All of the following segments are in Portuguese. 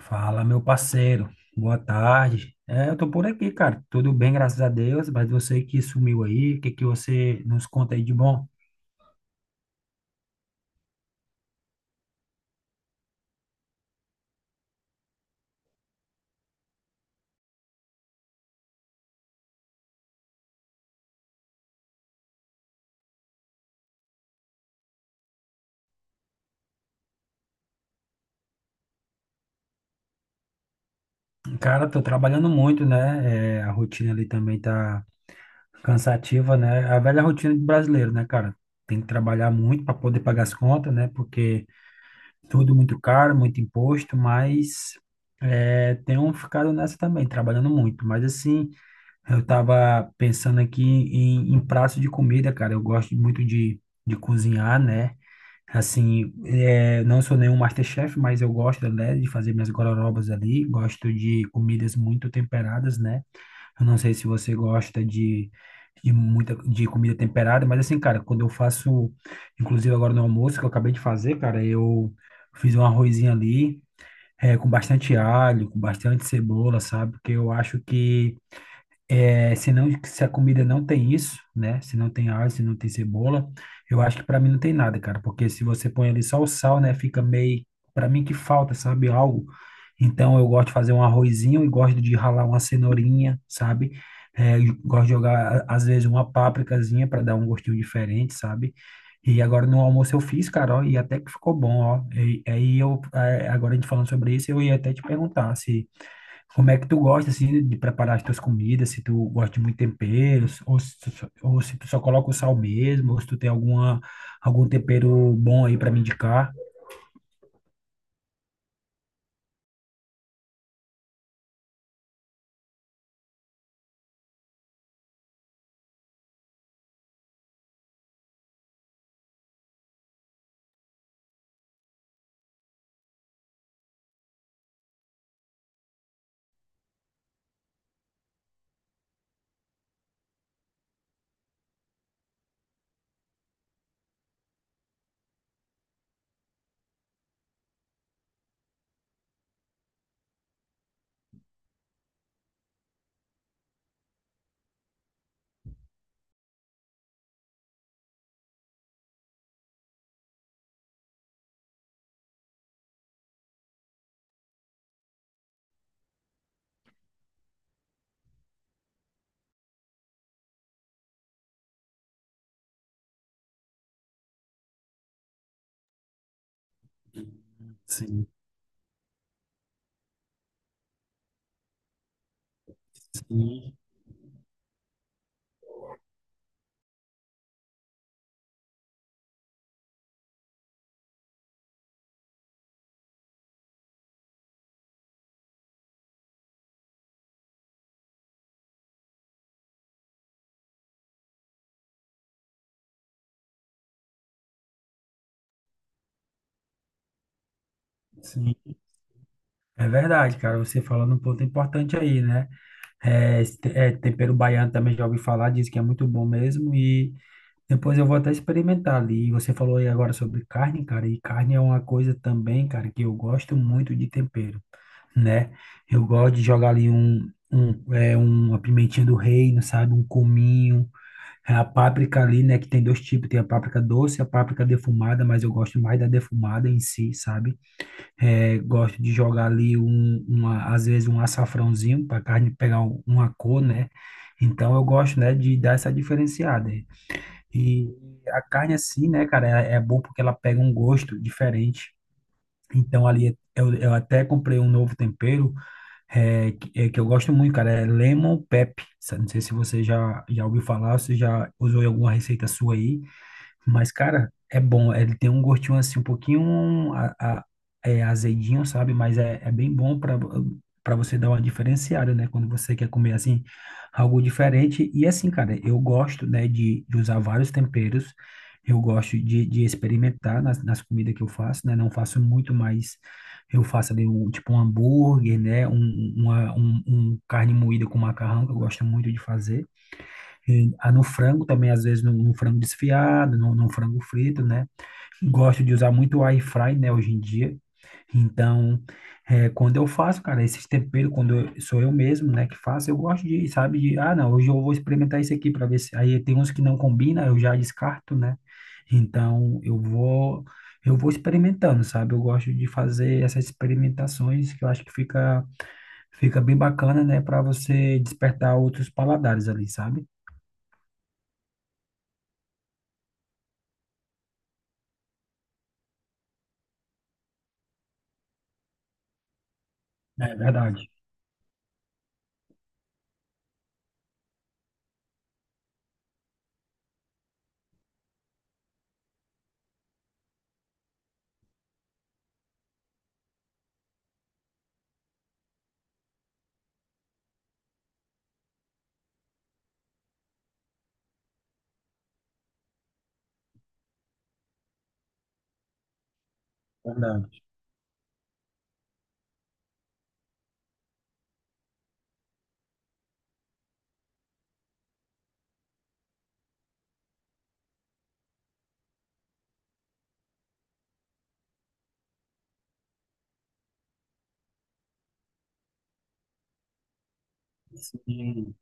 Fala, meu parceiro. Boa tarde. Eu tô por aqui, cara. Tudo bem, graças a Deus. Mas você que sumiu aí, o que que você nos conta aí de bom? Cara, tô trabalhando muito, né? A rotina ali também tá cansativa, né? A velha rotina de brasileiro, né, cara? Tem que trabalhar muito para poder pagar as contas, né? Porque tudo muito caro, muito imposto, mas tenho ficado nessa também, trabalhando muito. Mas assim. Eu tava pensando aqui em prato de comida, cara. Eu gosto muito de cozinhar, né? Assim, é, não sou nenhum MasterChef, mas eu gosto, né, de fazer minhas gororobas ali. Gosto de comidas muito temperadas, né? Eu não sei se você gosta de muita de comida temperada, mas assim, cara, quando eu faço, inclusive agora no almoço que eu acabei de fazer, cara, eu fiz um arrozinho ali, com bastante alho, com bastante cebola, sabe? Porque eu acho que é, se não, se a comida não tem isso, né? Se não tem alho, se não tem cebola, eu acho que para mim não tem nada, cara. Porque se você põe ali só o sal, né? Fica meio, para mim que falta, sabe? Algo. Então eu gosto de fazer um arrozinho e gosto de ralar uma cenourinha, sabe? É, e gosto de jogar às vezes uma pápricazinha para dar um gostinho diferente, sabe? E agora no almoço eu fiz, cara, ó, e até que ficou bom, ó. E aí eu, é, agora a gente falando sobre isso, eu ia até te perguntar se como é que tu gosta, assim, de preparar as tuas comidas? Se tu gosta de muito tempero, ou se tu só, ou se tu só coloca o sal mesmo, ou se tu tem alguma, algum tempero bom aí para me indicar. Sim, sim, sim. É verdade, cara, você falando um ponto importante aí, né? É, tempero baiano também já ouvi falar, diz que é muito bom mesmo e depois eu vou até experimentar ali. E você falou aí agora sobre carne, cara, e carne é uma coisa também, cara, que eu gosto muito de tempero, né? Eu gosto de jogar ali um uma pimentinha do reino, sabe? Um cominho, é, a páprica ali, né? Que tem dois tipos, tem a páprica doce e a páprica defumada, mas eu gosto mais da defumada em si, sabe? É, gosto de jogar ali um, uma, às vezes um açafrãozinho para a carne pegar uma cor, né? Então eu gosto, né, de dar essa diferenciada. E a carne assim, né, cara, é bom porque ela pega um gosto diferente. Então ali eu até comprei um novo tempero que é que eu gosto muito, cara, é Lemon Pep. Não sei se você já ouviu falar, se já usou em alguma receita sua aí. Mas, cara, é bom. Ele tem um gostinho assim, um pouquinho azedinho, sabe? Mas é, é bem bom para você dar uma diferenciada, né? Quando você quer comer assim, algo diferente. E assim, cara, eu gosto, né, de usar vários temperos. Eu gosto de experimentar nas comidas que eu faço, né? Não faço muito, mas eu faço ali um, tipo um hambúrguer, né? Um carne moída com macarrão, que eu gosto muito de fazer. E, ah, no frango também, às vezes, no frango desfiado, no frango frito, né? Gosto de usar muito o air fry, né, hoje em dia. Então, é, quando eu faço, cara, esses temperos, sou eu mesmo, né, que faço, eu gosto de, sabe, de, ah, não, hoje eu vou experimentar isso aqui para ver se. Aí tem uns que não combina, eu já descarto, né? Então, eu vou experimentando, sabe? Eu gosto de fazer essas experimentações que eu acho que fica bem bacana, né, para você despertar outros paladares ali, sabe? É verdade. Verdade. Sim,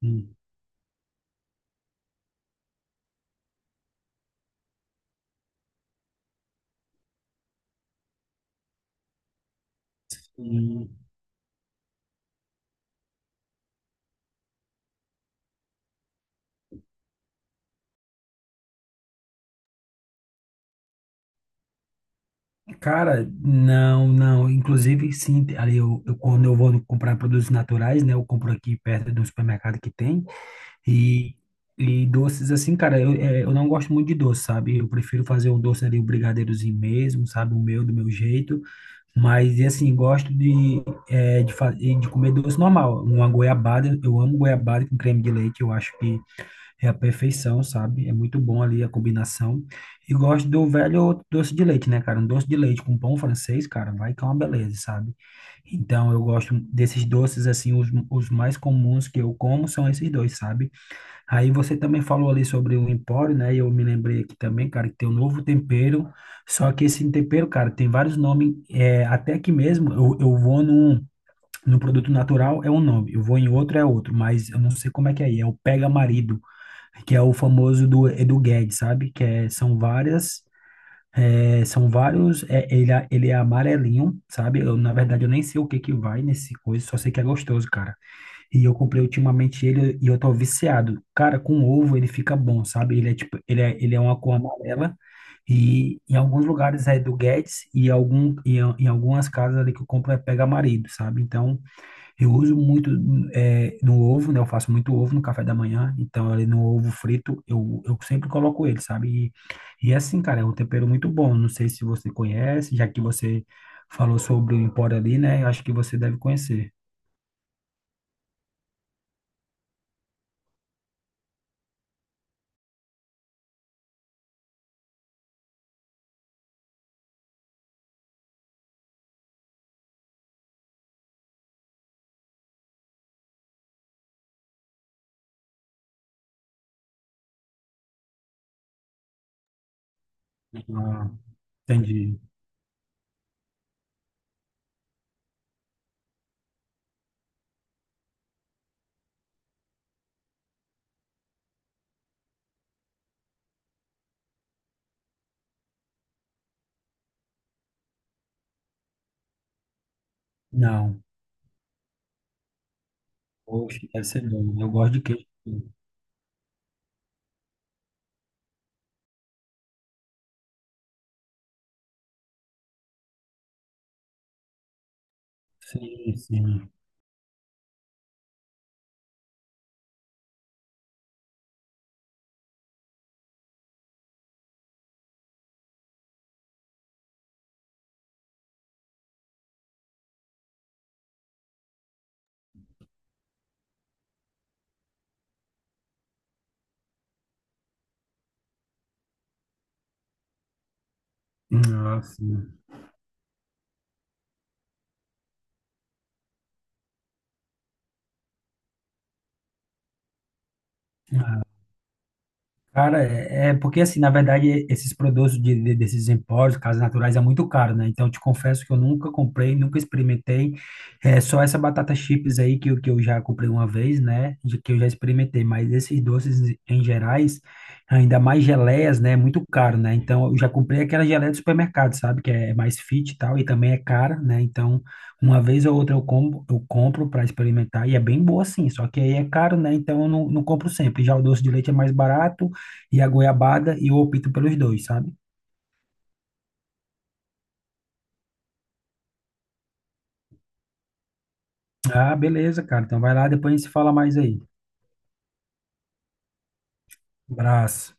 sim, sim. Cara, não, não. Inclusive, sim, ali quando eu vou comprar produtos naturais, né? Eu compro aqui perto de um supermercado que tem. E, e doces, assim, cara, eu, é, eu não gosto muito de doce, sabe? Eu prefiro fazer um doce ali, um brigadeirozinho mesmo, sabe? O meu, do meu jeito. Mas, e assim, gosto de, é, de, fa- de comer doce normal. Uma goiabada, eu amo goiabada com creme de leite. Eu acho que é a perfeição, sabe? É muito bom ali a combinação. E gosto do velho doce de leite, né, cara? Um doce de leite com pão francês, cara, vai que é uma beleza, sabe? Então, eu gosto desses doces, assim, os mais comuns que eu como são esses dois, sabe? Aí você também falou ali sobre o Empório, né? E eu me lembrei aqui também, cara, que tem um novo tempero. Só que esse tempero, cara, tem vários nomes. É, até aqui mesmo, eu vou num, num produto natural, é um nome. Eu vou em outro, é outro. Mas eu não sei como é que é aí. É o Pega Marido que é o famoso do Edu Guedes, sabe? Que é, são várias, é, são vários, é, ele, é- Ele é amarelinho, sabe? Eu, na verdade, eu nem sei o que que vai nesse coisa, só sei que é gostoso, cara. E eu comprei ultimamente ele e eu tô viciado. Cara, com ovo ele fica bom, sabe? Ele é tipo, ele é uma cor amarela e em alguns lugares é do Guedes e em algumas casas ali que eu compro é pega marido, sabe? Então, eu uso muito no ovo, né? Eu faço muito ovo no café da manhã. Então, ali no ovo frito, eu sempre coloco ele, sabe? E é assim, cara, é um tempero muito bom. Não sei se você conhece, já que você falou sobre o Empório ali, né? Eu acho que você deve conhecer. Ah, entendi. Não. Oxe, deve ser bom. Eu gosto de queijo. Sim, sim. Ah, sim. Cara, é porque assim, na verdade, esses produtos desses empórios, casas naturais, é muito caro, né? Então, eu te confesso que eu nunca comprei, nunca experimentei. É só essa batata chips aí que, que eu já comprei uma vez, né? De que eu já experimentei, mas esses doces em gerais, ainda mais geleias, né? É muito caro, né? Então, eu já comprei aquela geleia do supermercado, sabe? Que é mais fit e tal, e também é cara, né? Então, uma vez ou outra eu compro para experimentar e é bem boa sim, só que aí é caro, né? Então eu não compro sempre. Já o doce de leite é mais barato e a goiabada e eu opto pelos dois, sabe? Ah, beleza, cara. Então vai lá, depois a gente se fala mais aí. Abraço.